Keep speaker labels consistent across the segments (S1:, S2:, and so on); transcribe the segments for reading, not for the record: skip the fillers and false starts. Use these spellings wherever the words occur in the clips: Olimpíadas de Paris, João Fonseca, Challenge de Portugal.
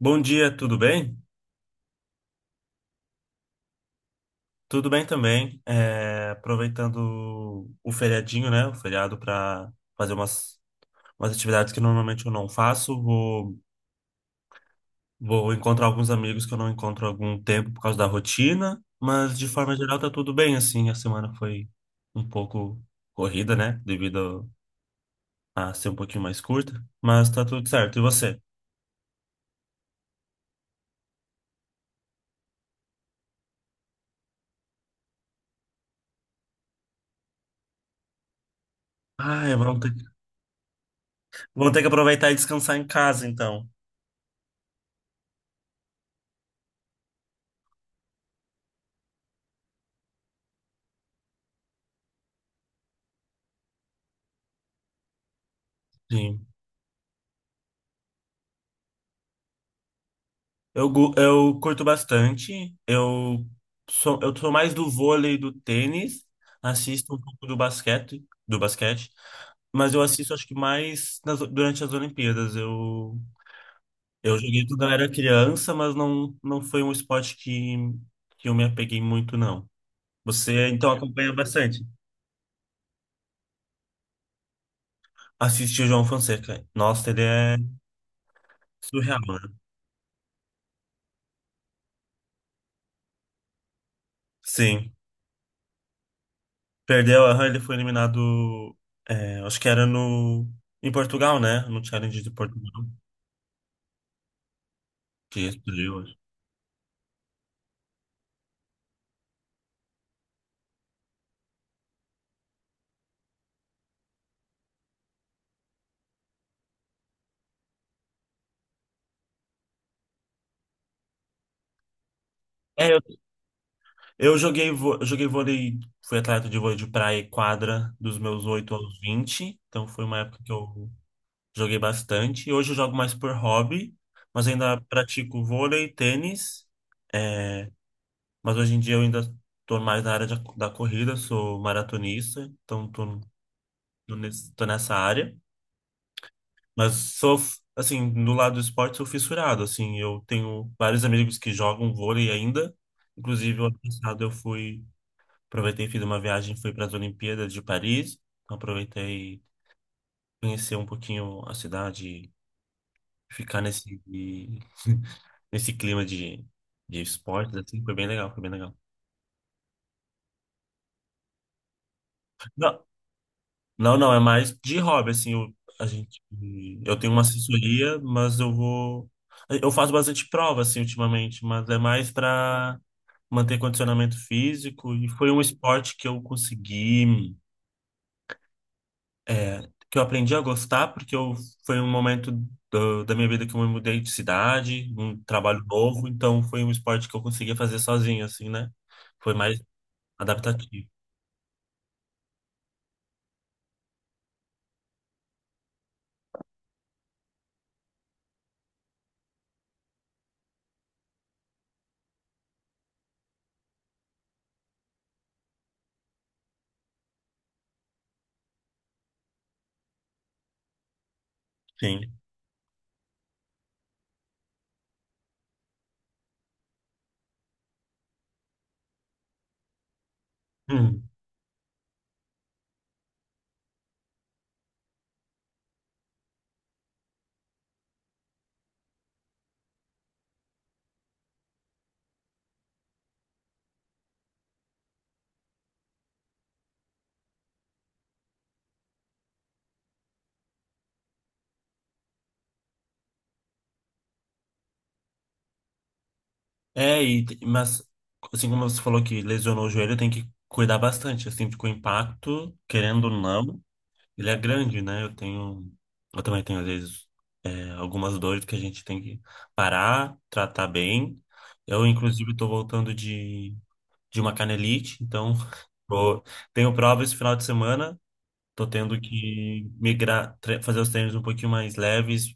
S1: Bom dia, tudo bem? Tudo bem também. Aproveitando o feriadinho, né? O feriado para fazer umas atividades que normalmente eu não faço. Vou encontrar alguns amigos que eu não encontro há algum tempo por causa da rotina, mas de forma geral tá tudo bem, assim. A semana foi um pouco corrida, né? Devido a ser um pouquinho mais curta, mas tá tudo certo. E você? Ah, vamos ter que aproveitar e descansar em casa, então. Sim. Eu curto bastante. Eu sou mais do vôlei e do tênis. Assisto um pouco do basquete, mas eu assisto acho que durante as Olimpíadas. Eu joguei quando eu era criança, mas não foi um esporte que eu me apeguei muito, não. Você então acompanha bastante. Assiste o João Fonseca. Nossa, ele é surreal, né? Sim. Perdeu, aham, ele foi eliminado, é, acho que era em Portugal, né? No Challenge de Portugal, que explodiu, acho. É, eu, eu eu joguei vôlei, fui atleta de vôlei de praia e quadra dos meus oito aos vinte, então foi uma época que eu joguei bastante. Hoje eu jogo mais por hobby, mas ainda pratico vôlei, tênis, mas hoje em dia eu ainda tô mais da corrida, sou maratonista, então tô nessa área. Mas sou, assim, no lado do esporte, sou fissurado, assim. Eu tenho vários amigos que jogam vôlei ainda. Inclusive, o ano passado aproveitei, fiz uma viagem, fui para as Olimpíadas de Paris. Então, aproveitei conhecer um pouquinho a cidade, ficar nesse clima de esportes, assim. Foi bem legal, foi bem legal. Não, não, não, é mais de hobby, assim. A gente, eu tenho uma assessoria, mas eu vou... Eu faço bastante prova, assim, ultimamente, mas é mais para manter condicionamento físico, e foi um esporte que eu é, que eu aprendi a gostar foi um momento da minha vida que eu me mudei de cidade, um trabalho novo, então foi um esporte que eu conseguia fazer sozinho, assim, né? Foi mais adaptativo. Sim. Hum. Mas assim como você falou que lesionou o joelho, tem que cuidar bastante, assim, porque o impacto, querendo ou não, ele é grande, né? Eu tenho. Eu também tenho, às vezes, é, algumas dores que a gente tem que parar, tratar bem. Eu, inclusive, estou voltando de uma canelite, então vou- tenho prova esse final de semana. Estou tendo que migrar, fazer os treinos um pouquinho mais leves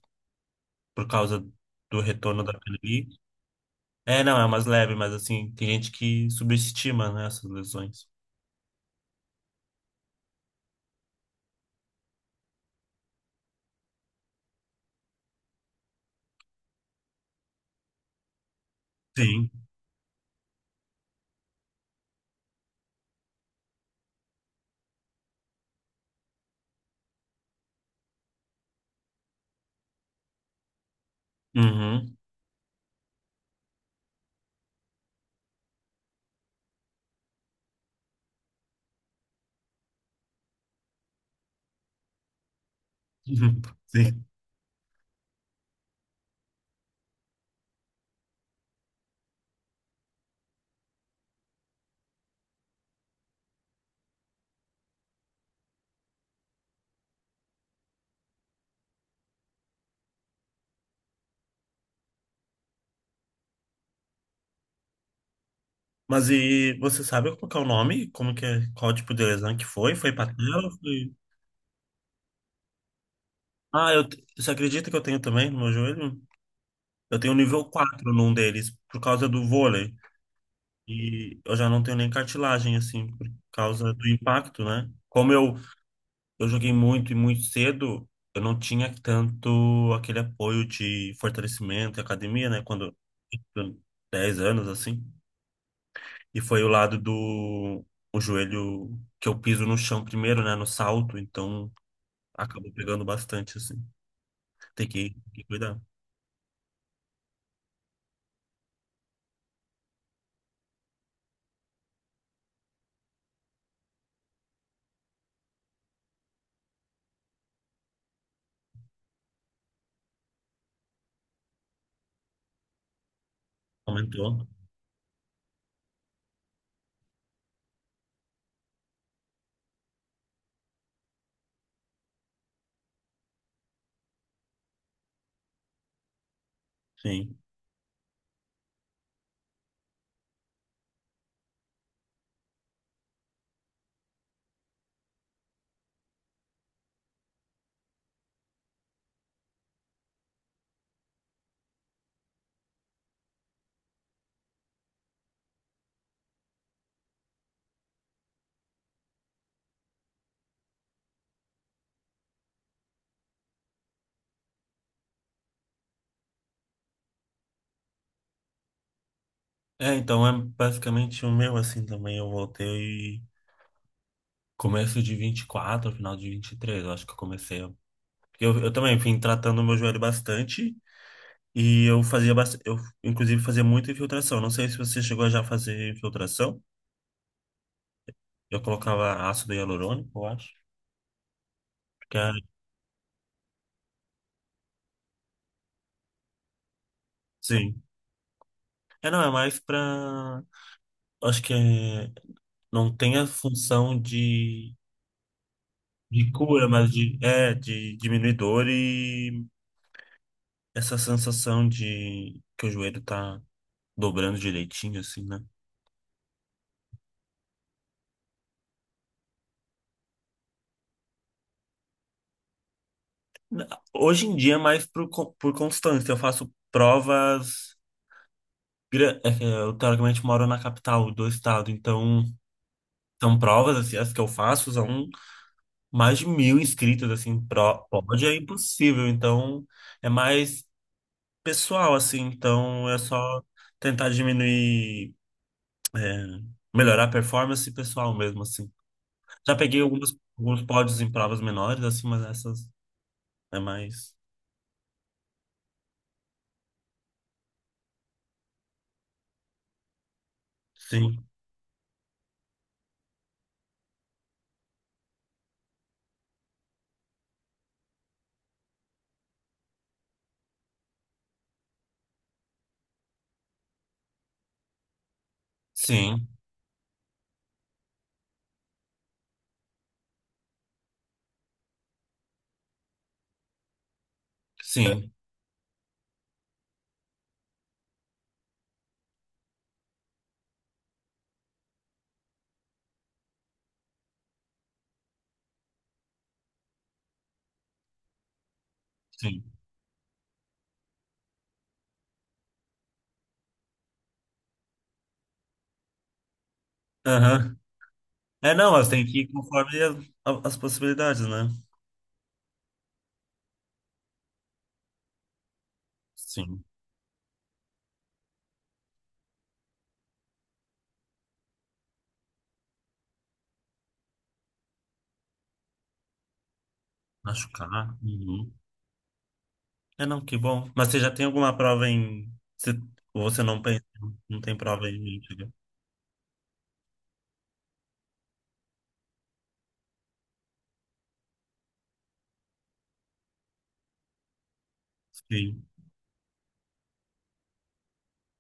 S1: por causa do retorno da canelite. É, não, é umas leves, mas assim, tem gente que subestima, né, essas lesões. Sim. Uhum. Sim. Mas e você sabe como que é o nome? Como que é, qual tipo de lesão que foi? Foi patela? Foi... Ah, você acredita que eu tenho também no meu joelho? Eu tenho nível 4 num deles, por causa do vôlei. E eu já não tenho nem cartilagem, assim, por causa do impacto, né? Eu joguei muito e muito cedo, eu não tinha tanto aquele apoio de fortalecimento e academia, né? Quando eu tinha 10 anos, assim. E foi o lado do o joelho que eu piso no chão primeiro, né? No salto, então acabou pegando bastante, assim. Tem que cuidar. Aumentou, sim. É, então é basicamente o meu, assim, também. Eu voltei começo de vinte e quatro, final de 23, eu acho que eu comecei. Porque eu também vim tratando o meu joelho bastante. E eu fazia bastante, eu inclusive fazia muita infiltração. Não sei se você chegou a já fazer infiltração. Eu colocava ácido hialurônico, eu acho. Que é, sim. É, não, é mais pra. Acho que é, não tem a função de cura, mas de diminuir dor e essa sensação de que o joelho tá dobrando direitinho, assim, né? Na- Hoje em dia é mais por constância. Eu faço provas. Gra- é que Eu, teoricamente, moro na capital do estado, então são provas, assim, as que eu faço são mais de mil inscritos, assim, pro, pódio é impossível, então é mais. Pessoal, assim, então é só tentar é, melhorar a performance pessoal mesmo, assim. Já peguei algumas, alguns pódios em provas menores, assim, mas essas é mais. Sim, sim, sim, sim. Aham. É, não, elas têm que ir conforme as possibilidades, né? Sim. Machucar. Uhum. É, não, que bom. Mas você já tem alguma prova em. Você, ou você não pensa, não tem prova em mente, né? Sim.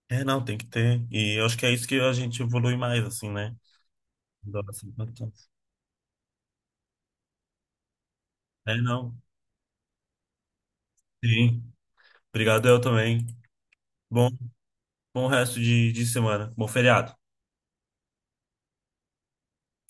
S1: É, não, tem que ter. E eu acho que é isso que a gente evolui mais, assim, né? Dá essa importância. É, não. Sim. Obrigado, eu também. Bom, bom resto de semana. Bom feriado.